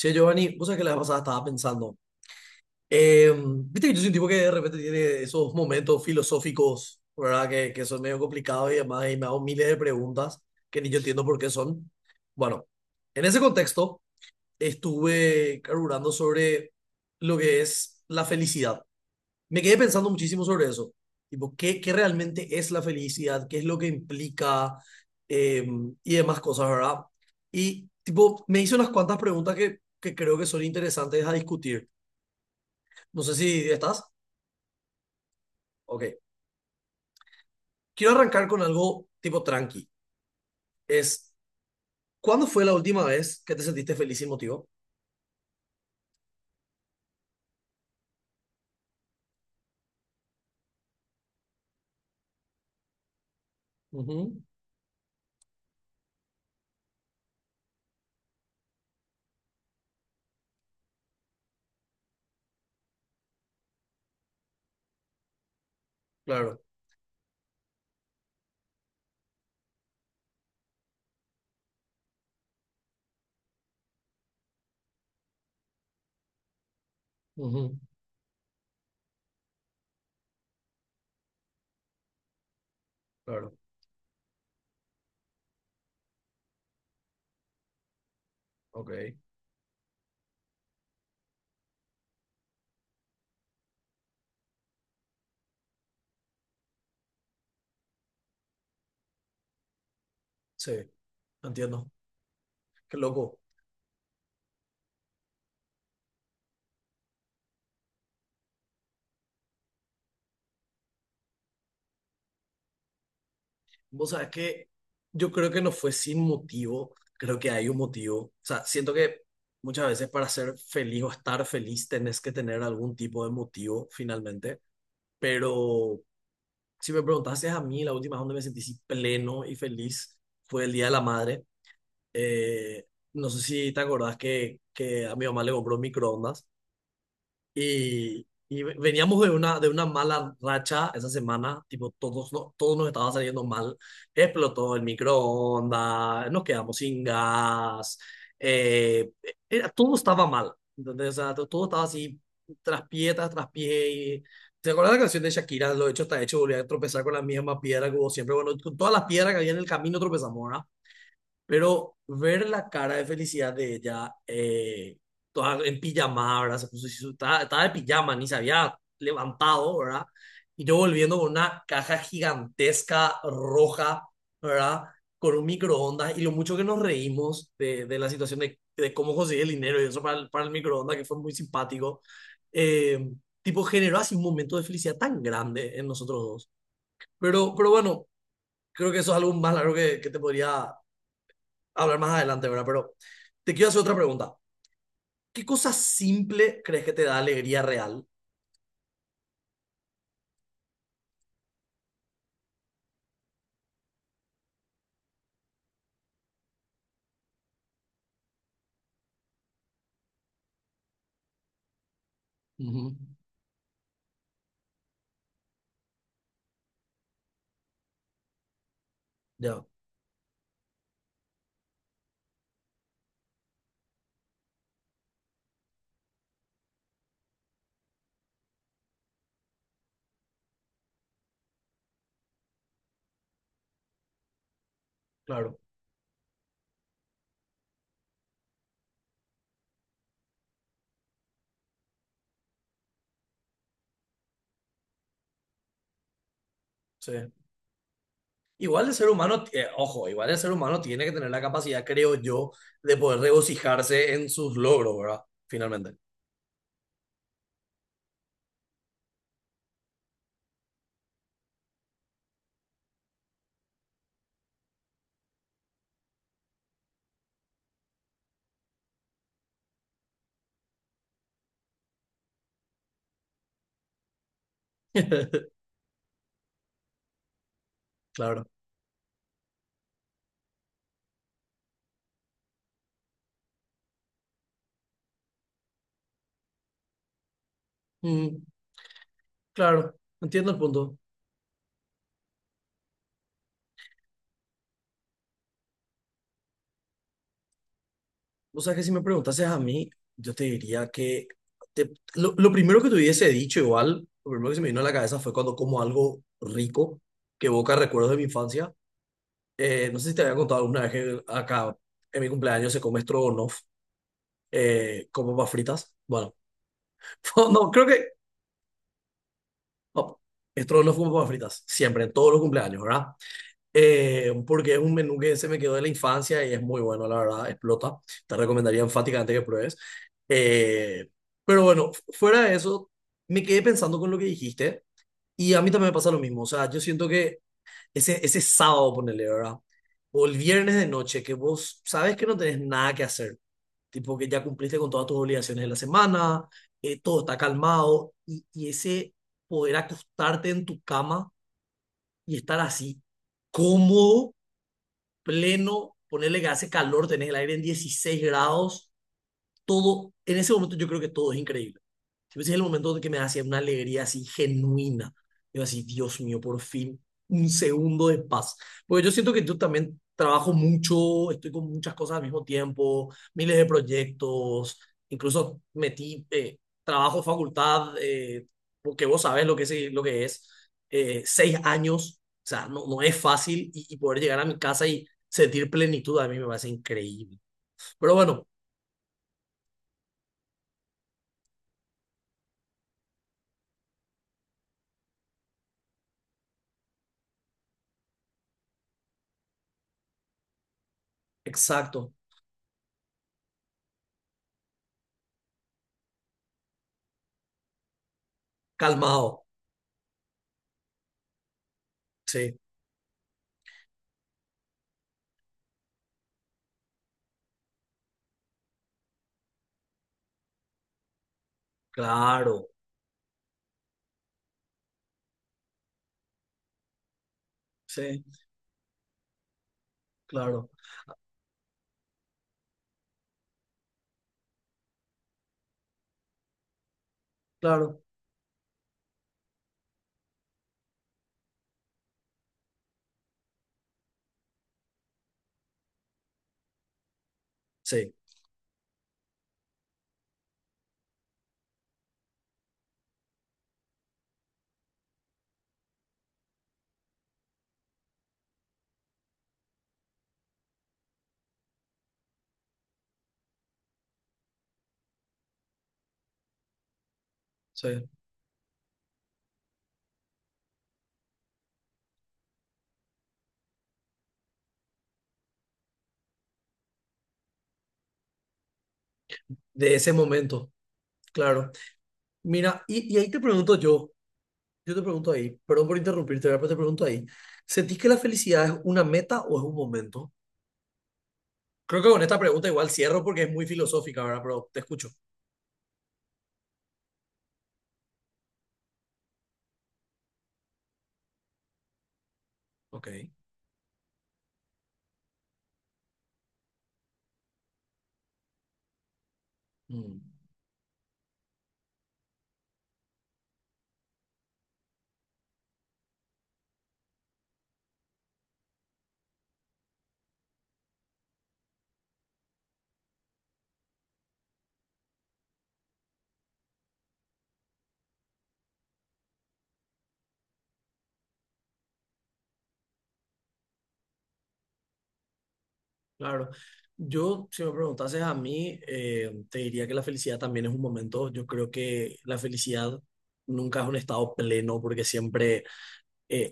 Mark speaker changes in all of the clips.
Speaker 1: Che, Giovanni, vos sabés que la vez pasada estaba pensando. eh, Viste que yo soy un tipo que de repente tiene esos momentos filosóficos, ¿verdad? Que son medio complicados y además y me hago miles de preguntas que ni yo entiendo por qué son. Bueno, en ese contexto estuve carburando sobre lo que es la felicidad, me quedé pensando muchísimo sobre eso. Tipo, ¿qué realmente es la felicidad? ¿Qué es lo que implica? Eh, y demás cosas, ¿verdad? Y tipo, me hice unas cuantas preguntas que creo que son interesantes a discutir. No sé si estás. Ok. Quiero arrancar con algo tipo tranqui. Es, ¿cuándo fue la última vez que te sentiste feliz y motivo? Ujú. Claro. Ujú. Claro. Ok. Sí. Entiendo. Qué loco. Vos sabés que yo creo que no fue sin motivo, creo que hay un motivo. O sea, siento que muchas veces para ser feliz o estar feliz tenés que tener algún tipo de motivo finalmente, pero si me preguntases a mí, la última vez donde me sentí así pleno y feliz fue el Día de la Madre. Eh, no sé si te acordás que a mi mamá le compró un microondas y veníamos de una mala racha esa semana, tipo, todos, no, todos nos estaba saliendo mal. Explotó el microondas, nos quedamos sin gas, eh, todo estaba mal, ¿entendés? O sea, todo estaba así, tras pie, tras pie. y- ¿Te acuerdas la canción de Shakira? Lo hecho está hecho, volví a tropezar con la misma piedra que hubo siempre. Bueno, con todas las piedras que había en el camino tropezamos, ¿verdad? Pero ver la cara de felicidad de ella, toda en pijama, ¿verdad? Se puso, estaba, estaba de pijama, ni se había levantado, ¿verdad? Y yo volviendo con una caja gigantesca roja, ¿verdad? Con un microondas y lo mucho que nos reímos de la situación de cómo conseguí el dinero y eso para el microondas, que fue muy simpático. Eh, Tipo, generó así un momento de felicidad tan grande en nosotros dos. Pero bueno, creo que eso es algo más largo que te podría hablar más adelante, ¿verdad? Pero te quiero hacer otra pregunta. ¿Qué cosa simple crees que te da alegría real? Ujú. Ya, claro, sí. Igual el ser humano, ojo, igual el ser humano tiene que tener la capacidad, creo yo, de poder regocijarse en sus logros, ¿verdad? Finalmente. Claro. Mm, claro, entiendo el punto. O sea que si me preguntases a mí, yo te diría que lo primero que te hubiese dicho igual, lo primero que se me vino a la cabeza fue cuando como algo rico que evoca recuerdos de mi infancia. No sé si te había contado alguna vez que acá en mi cumpleaños se come stroganoff con papas fritas. Bueno, no, creo que no, stroganoff con papas fritas, siempre, en todos los cumpleaños, ¿verdad? Porque es un menú que se me quedó de la infancia y es muy bueno, la verdad, explota. Te recomendaría enfáticamente que pruebes. Eh, pero bueno, fuera de eso, me quedé pensando con lo que dijiste y a mí también me pasa lo mismo. O sea, yo siento que ese sábado, ponele, ¿verdad? O el viernes de noche, que vos sabes que no tenés nada que hacer, tipo que ya cumpliste con todas tus obligaciones de la semana, todo está calmado, y ese poder acostarte en tu cama y estar así, cómodo, pleno, ponerle que hace calor, tenés el aire en 16 grados, todo, en ese momento yo creo que todo es increíble. Ese es el momento en que me hacía una alegría así genuina. Yo así, Dios mío, por fin, un segundo de paz. Porque yo siento que yo también trabajo mucho, estoy con muchas cosas al mismo tiempo, miles de proyectos, incluso metí trabajo, facultad, porque vos sabés lo que es 6 años, o sea, no, no es fácil y poder llegar a mi casa y sentir plenitud a mí me parece increíble. Pero bueno, exacto, calmado, sí, claro. Sí. Claro, claro, sí, sí, de ese momento, claro. Mira, y ahí te pregunto yo, yo te pregunto ahí, perdón por interrumpirte, ¿verdad? Pero te pregunto ahí, ¿sentís que la felicidad es una meta o es un momento? Creo que con esta pregunta igual cierro porque es muy filosófica, ¿verdad? Pero te escucho. Ok, mm, claro. Yo, si me preguntases a mí, te diría que la felicidad también es un momento. Yo creo que la felicidad nunca es un estado pleno porque siempre eh,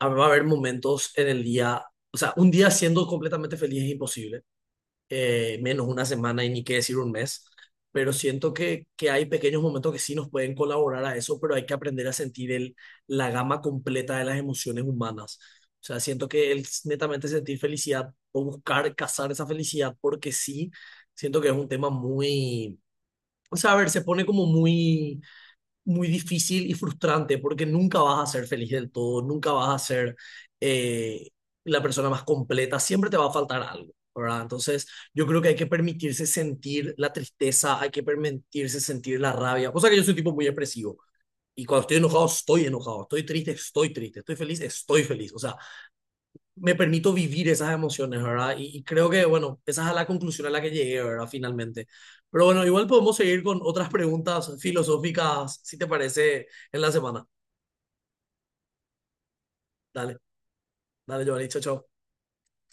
Speaker 1: va a haber momentos en el día, o sea, un día siendo completamente feliz es imposible, menos una semana y ni qué decir un mes, pero siento que hay pequeños momentos que sí nos pueden colaborar a eso, pero hay que aprender a sentir el, la gama completa de las emociones humanas. O sea, siento que el netamente sentir felicidad o buscar cazar esa felicidad porque sí, siento que es un tema muy, o sea, a ver, se pone como muy muy difícil y frustrante porque nunca vas a ser feliz del todo, nunca vas a ser eh, la persona más completa, siempre te va a faltar algo, ¿verdad? Entonces, yo creo que hay que permitirse sentir la tristeza, hay que permitirse sentir la rabia, cosa que yo soy un tipo muy expresivo. Y cuando estoy enojado, estoy enojado, estoy triste, estoy triste, estoy feliz, estoy feliz. O sea, me permito vivir esas emociones, ¿verdad? Y creo que, bueno, esa es la conclusión a la que llegué, ¿verdad? Finalmente. Pero bueno, igual podemos seguir con otras preguntas filosóficas, si te parece, en la semana. Dale, dale, Giovanni, chao, chao.